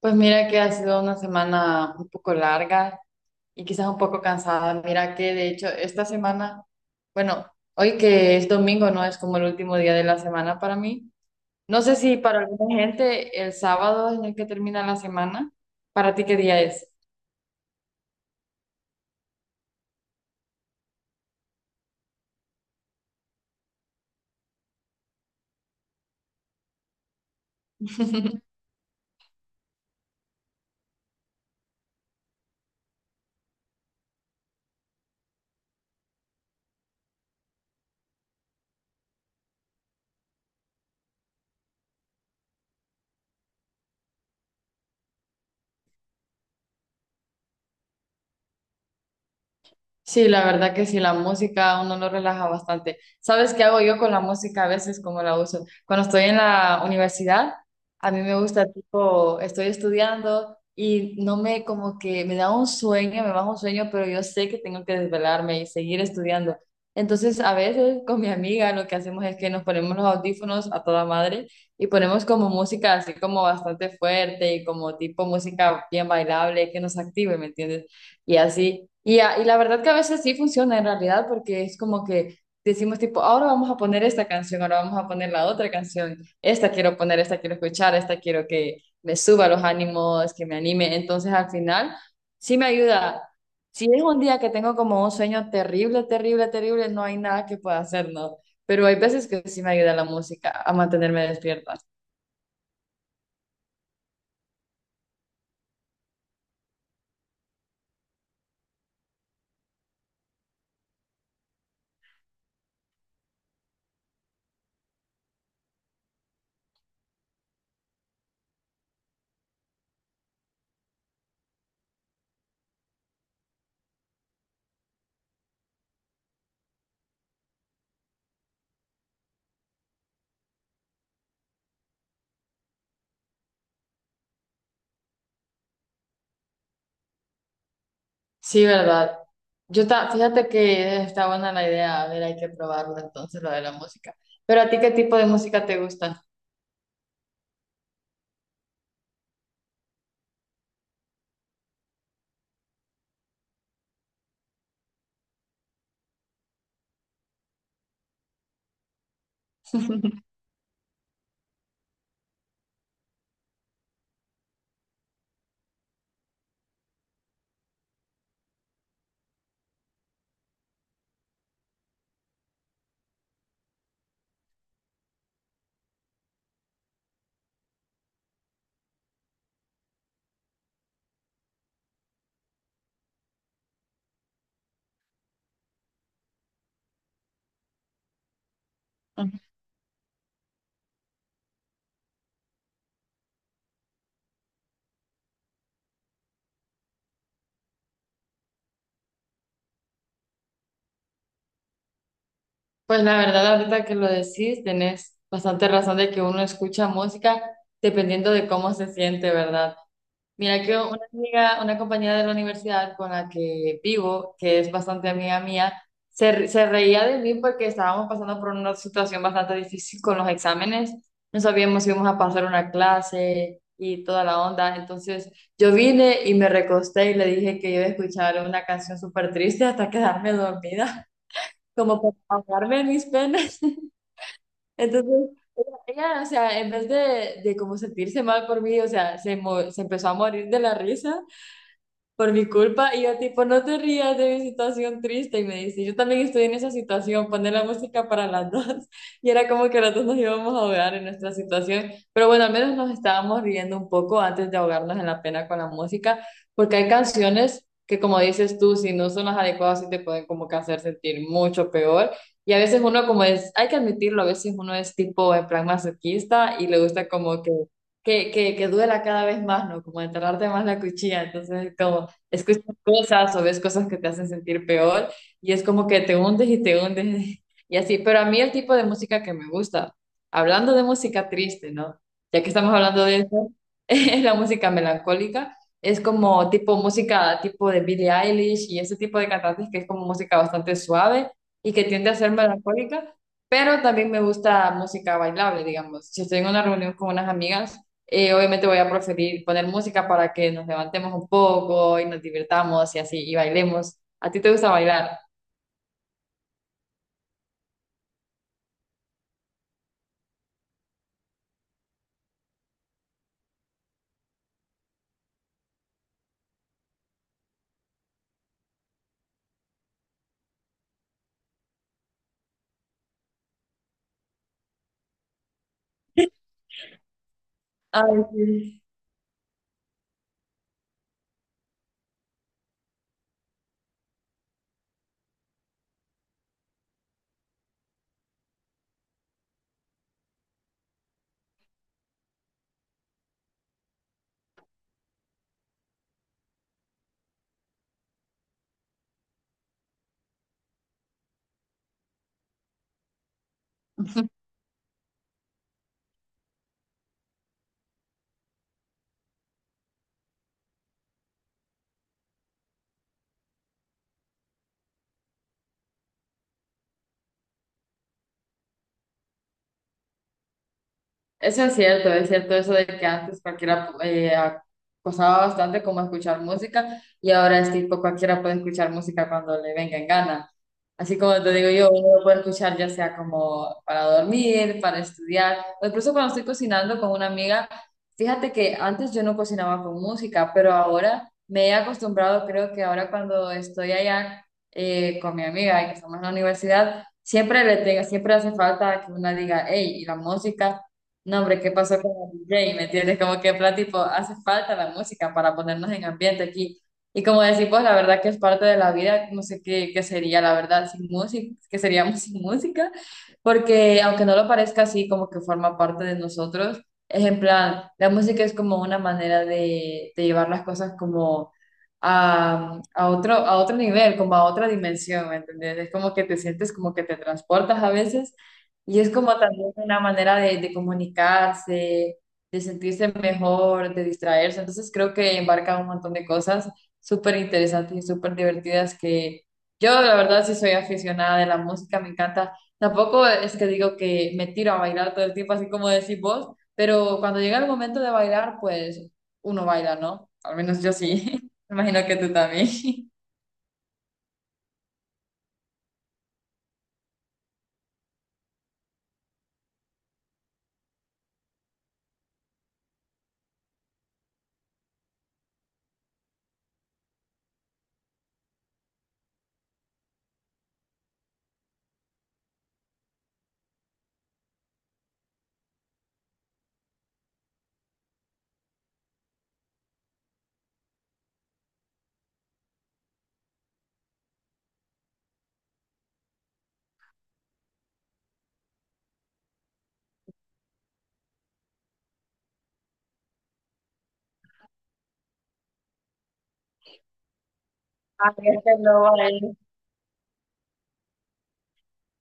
Pues mira que ha sido una semana un poco larga y quizás un poco cansada. Mira que de hecho esta semana, bueno, hoy que es domingo, no es como el último día de la semana para mí. No sé si para alguna gente el sábado es el que termina la semana. ¿Para ti qué día es? Sí, la verdad que sí, la música a uno lo relaja bastante. ¿Sabes qué hago yo con la música a veces, cómo la uso? Cuando estoy en la universidad, a mí me gusta, tipo, estoy estudiando y no me, como que me da un sueño, me baja un sueño, pero yo sé que tengo que desvelarme y seguir estudiando. Entonces, a veces con mi amiga lo que hacemos es que nos ponemos los audífonos a toda madre y ponemos como música así como bastante fuerte y como tipo música bien bailable que nos active, ¿me entiendes? Y así. Y, y la verdad que a veces sí funciona en realidad porque es como que decimos tipo, ahora vamos a poner esta canción, ahora vamos a poner la otra canción, esta quiero poner, esta quiero escuchar, esta quiero que me suba los ánimos, que me anime. Entonces al final sí me ayuda. Si es un día que tengo como un sueño terrible, terrible, terrible, no hay nada que pueda hacer, ¿no? Pero hay veces que sí me ayuda la música a mantenerme despierta. Sí, ¿verdad? Fíjate que está buena la idea, a ver, hay que probarlo entonces lo de la música. Pero a ti, ¿qué tipo de música te gusta? Pues la verdad, ahorita que lo decís, tenés bastante razón de que uno escucha música dependiendo de cómo se siente, ¿verdad? Mira que una amiga, una compañera de la universidad con la que vivo, que es bastante amiga mía, se reía de mí porque estábamos pasando por una situación bastante difícil con los exámenes. No sabíamos si íbamos a pasar una clase y toda la onda. Entonces yo vine y me recosté y le dije que iba a escuchar una canción súper triste hasta quedarme dormida, como para ahogarme en mis penas. Entonces ella, o sea, en vez de como sentirse mal por mí, o sea, se empezó a morir de la risa por mi culpa. Y yo tipo, no te rías de mi situación triste. Y me dice, yo también estoy en esa situación, poner la música para las dos. Y era como que las dos nos íbamos a ahogar en nuestra situación. Pero bueno, al menos nos estábamos riendo un poco antes de ahogarnos en la pena con la música, porque hay canciones que como dices tú, si no son las adecuadas, sí te pueden como que hacer sentir mucho peor. Y a veces uno como es, hay que admitirlo, a veces uno es tipo en plan masoquista y le gusta como que que duela cada vez más, ¿no? Como enterrarte más la cuchilla. Entonces, como escuchas cosas o ves cosas que te hacen sentir peor y es como que te hundes y te hundes y así. Pero a mí el tipo de música que me gusta, hablando de música triste, ¿no? Ya que estamos hablando de eso, es la música melancólica. Es como tipo música tipo de Billie Eilish y ese tipo de cantantes que es como música bastante suave y que tiende a ser melancólica, pero también me gusta música bailable, digamos. Si estoy en una reunión con unas amigas, obviamente voy a preferir poner música para que nos levantemos un poco y nos divirtamos y así, y bailemos. ¿A ti te gusta bailar? Ay, sí. Eso es cierto eso de que antes cualquiera acosaba bastante como escuchar música y ahora es tipo cualquiera puede escuchar música cuando le venga en gana. Así como te digo yo, uno lo puede escuchar ya sea como para dormir, para estudiar, o incluso cuando estoy cocinando con una amiga, fíjate que antes yo no cocinaba con música, pero ahora me he acostumbrado, creo que ahora cuando estoy allá con mi amiga y que estamos en la universidad, siempre le tengo, siempre hace falta que una diga, hey, y la música. No, hombre, ¿qué pasó con el DJ? ¿Me entiendes? Como que en plan, tipo, hace falta la música para ponernos en ambiente aquí. Y como decís, pues la verdad que es parte de la vida, no sé qué, qué sería, la verdad, sin música, que seríamos sin música, porque aunque no lo parezca así, como que forma parte de nosotros, es en plan, la música es como una manera de llevar las cosas como a otro nivel, como a otra dimensión, ¿me entiendes? Es como que te sientes como que te transportas a veces y es como también una manera de comunicarse, de sentirse mejor, de distraerse. Entonces creo que embarca un montón de cosas súper interesantes y súper divertidas que yo la verdad sí soy aficionada de la música, me encanta. Tampoco es que digo que me tiro a bailar todo el tiempo, así como decís vos, pero cuando llega el momento de bailar, pues uno baila, ¿no? Al menos yo sí. Me imagino que tú también. Ay, este no baila.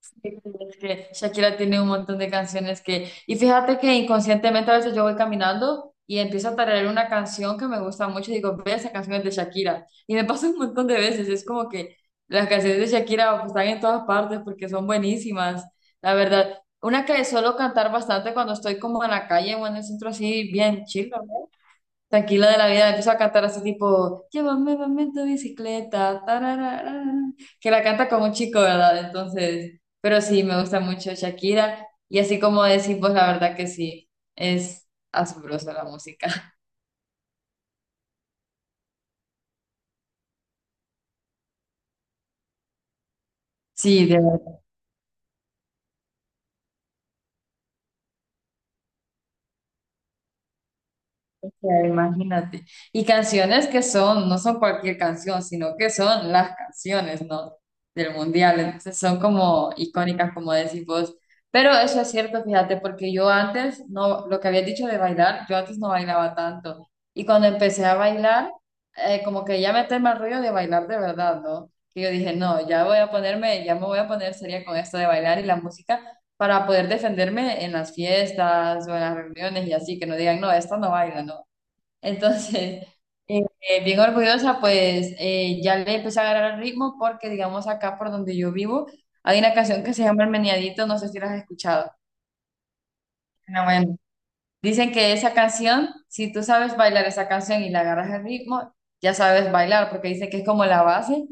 Sí, es que Shakira tiene un montón de canciones que... Y fíjate que inconscientemente a veces yo voy caminando y empiezo a tararear una canción que me gusta mucho y digo, ve, esa canción es de Shakira. Y me pasa un montón de veces. Es como que las canciones de Shakira pues, están en todas partes porque son buenísimas, la verdad. Una que suelo cantar bastante cuando estoy como en la calle o en el centro así, bien chill, tranquila de la vida, empiezo a cantar así tipo, llévame, mami, en tu bicicleta, tararara, que la canta como un chico, ¿verdad? Entonces, pero sí, me gusta mucho Shakira, y así como decimos, la verdad que sí, es asombrosa la música. Sí, de sea, imagínate. Y canciones que son, no son cualquier canción, sino que son las canciones, ¿no? Del mundial. Entonces son como icónicas, como decís vos. Pero eso es cierto, fíjate, porque yo antes, no, lo que había dicho de bailar, yo antes no bailaba tanto. Y cuando empecé a bailar, como que ya me tema el rollo de bailar de verdad, ¿no? Que yo dije, no, ya voy a ponerme, ya me voy a poner seria con esto de bailar y la música para poder defenderme en las fiestas o en las reuniones y así, que no digan, no, esta no baila, no. Entonces, bien orgullosa, pues ya le empecé a agarrar el ritmo porque, digamos, acá por donde yo vivo, hay una canción que se llama El Meneadito, no sé si la has escuchado. No, bueno. Dicen que esa canción, si tú sabes bailar esa canción y le agarras el ritmo, ya sabes bailar, porque dice que es como la base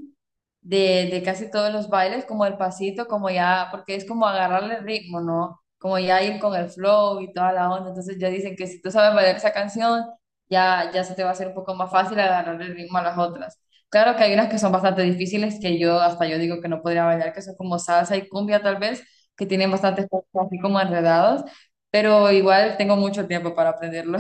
de casi todos los bailes, como el pasito, como ya, porque es como agarrarle el ritmo, ¿no? Como ya ir con el flow y toda la onda. Entonces ya dicen que si tú sabes bailar esa canción, ya se te va a hacer un poco más fácil agarrar el ritmo a las otras. Claro que hay unas que son bastante difíciles que yo, hasta yo digo que no podría bailar, que son como salsa y cumbia tal vez, que tienen bastantes puntos así como enredados, pero igual tengo mucho tiempo para aprenderlo.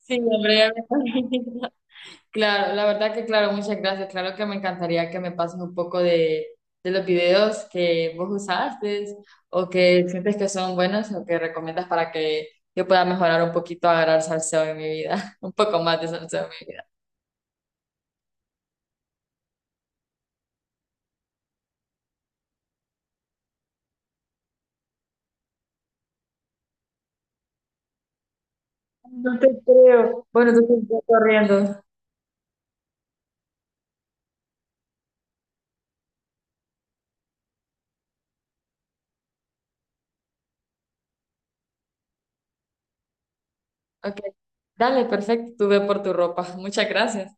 Sí, hombre, ya me imagino. Claro, la verdad que claro, muchas gracias. Claro que me encantaría que me pases un poco de los videos que vos usaste o que sientes que son buenos o que recomiendas para que yo pueda mejorar un poquito, agarrar salseo en mi vida, un poco más de salseo en mi vida. No te creo. Bueno, entonces estoy corriendo. Ok, dale, perfecto, tú ve por tu ropa. Muchas gracias.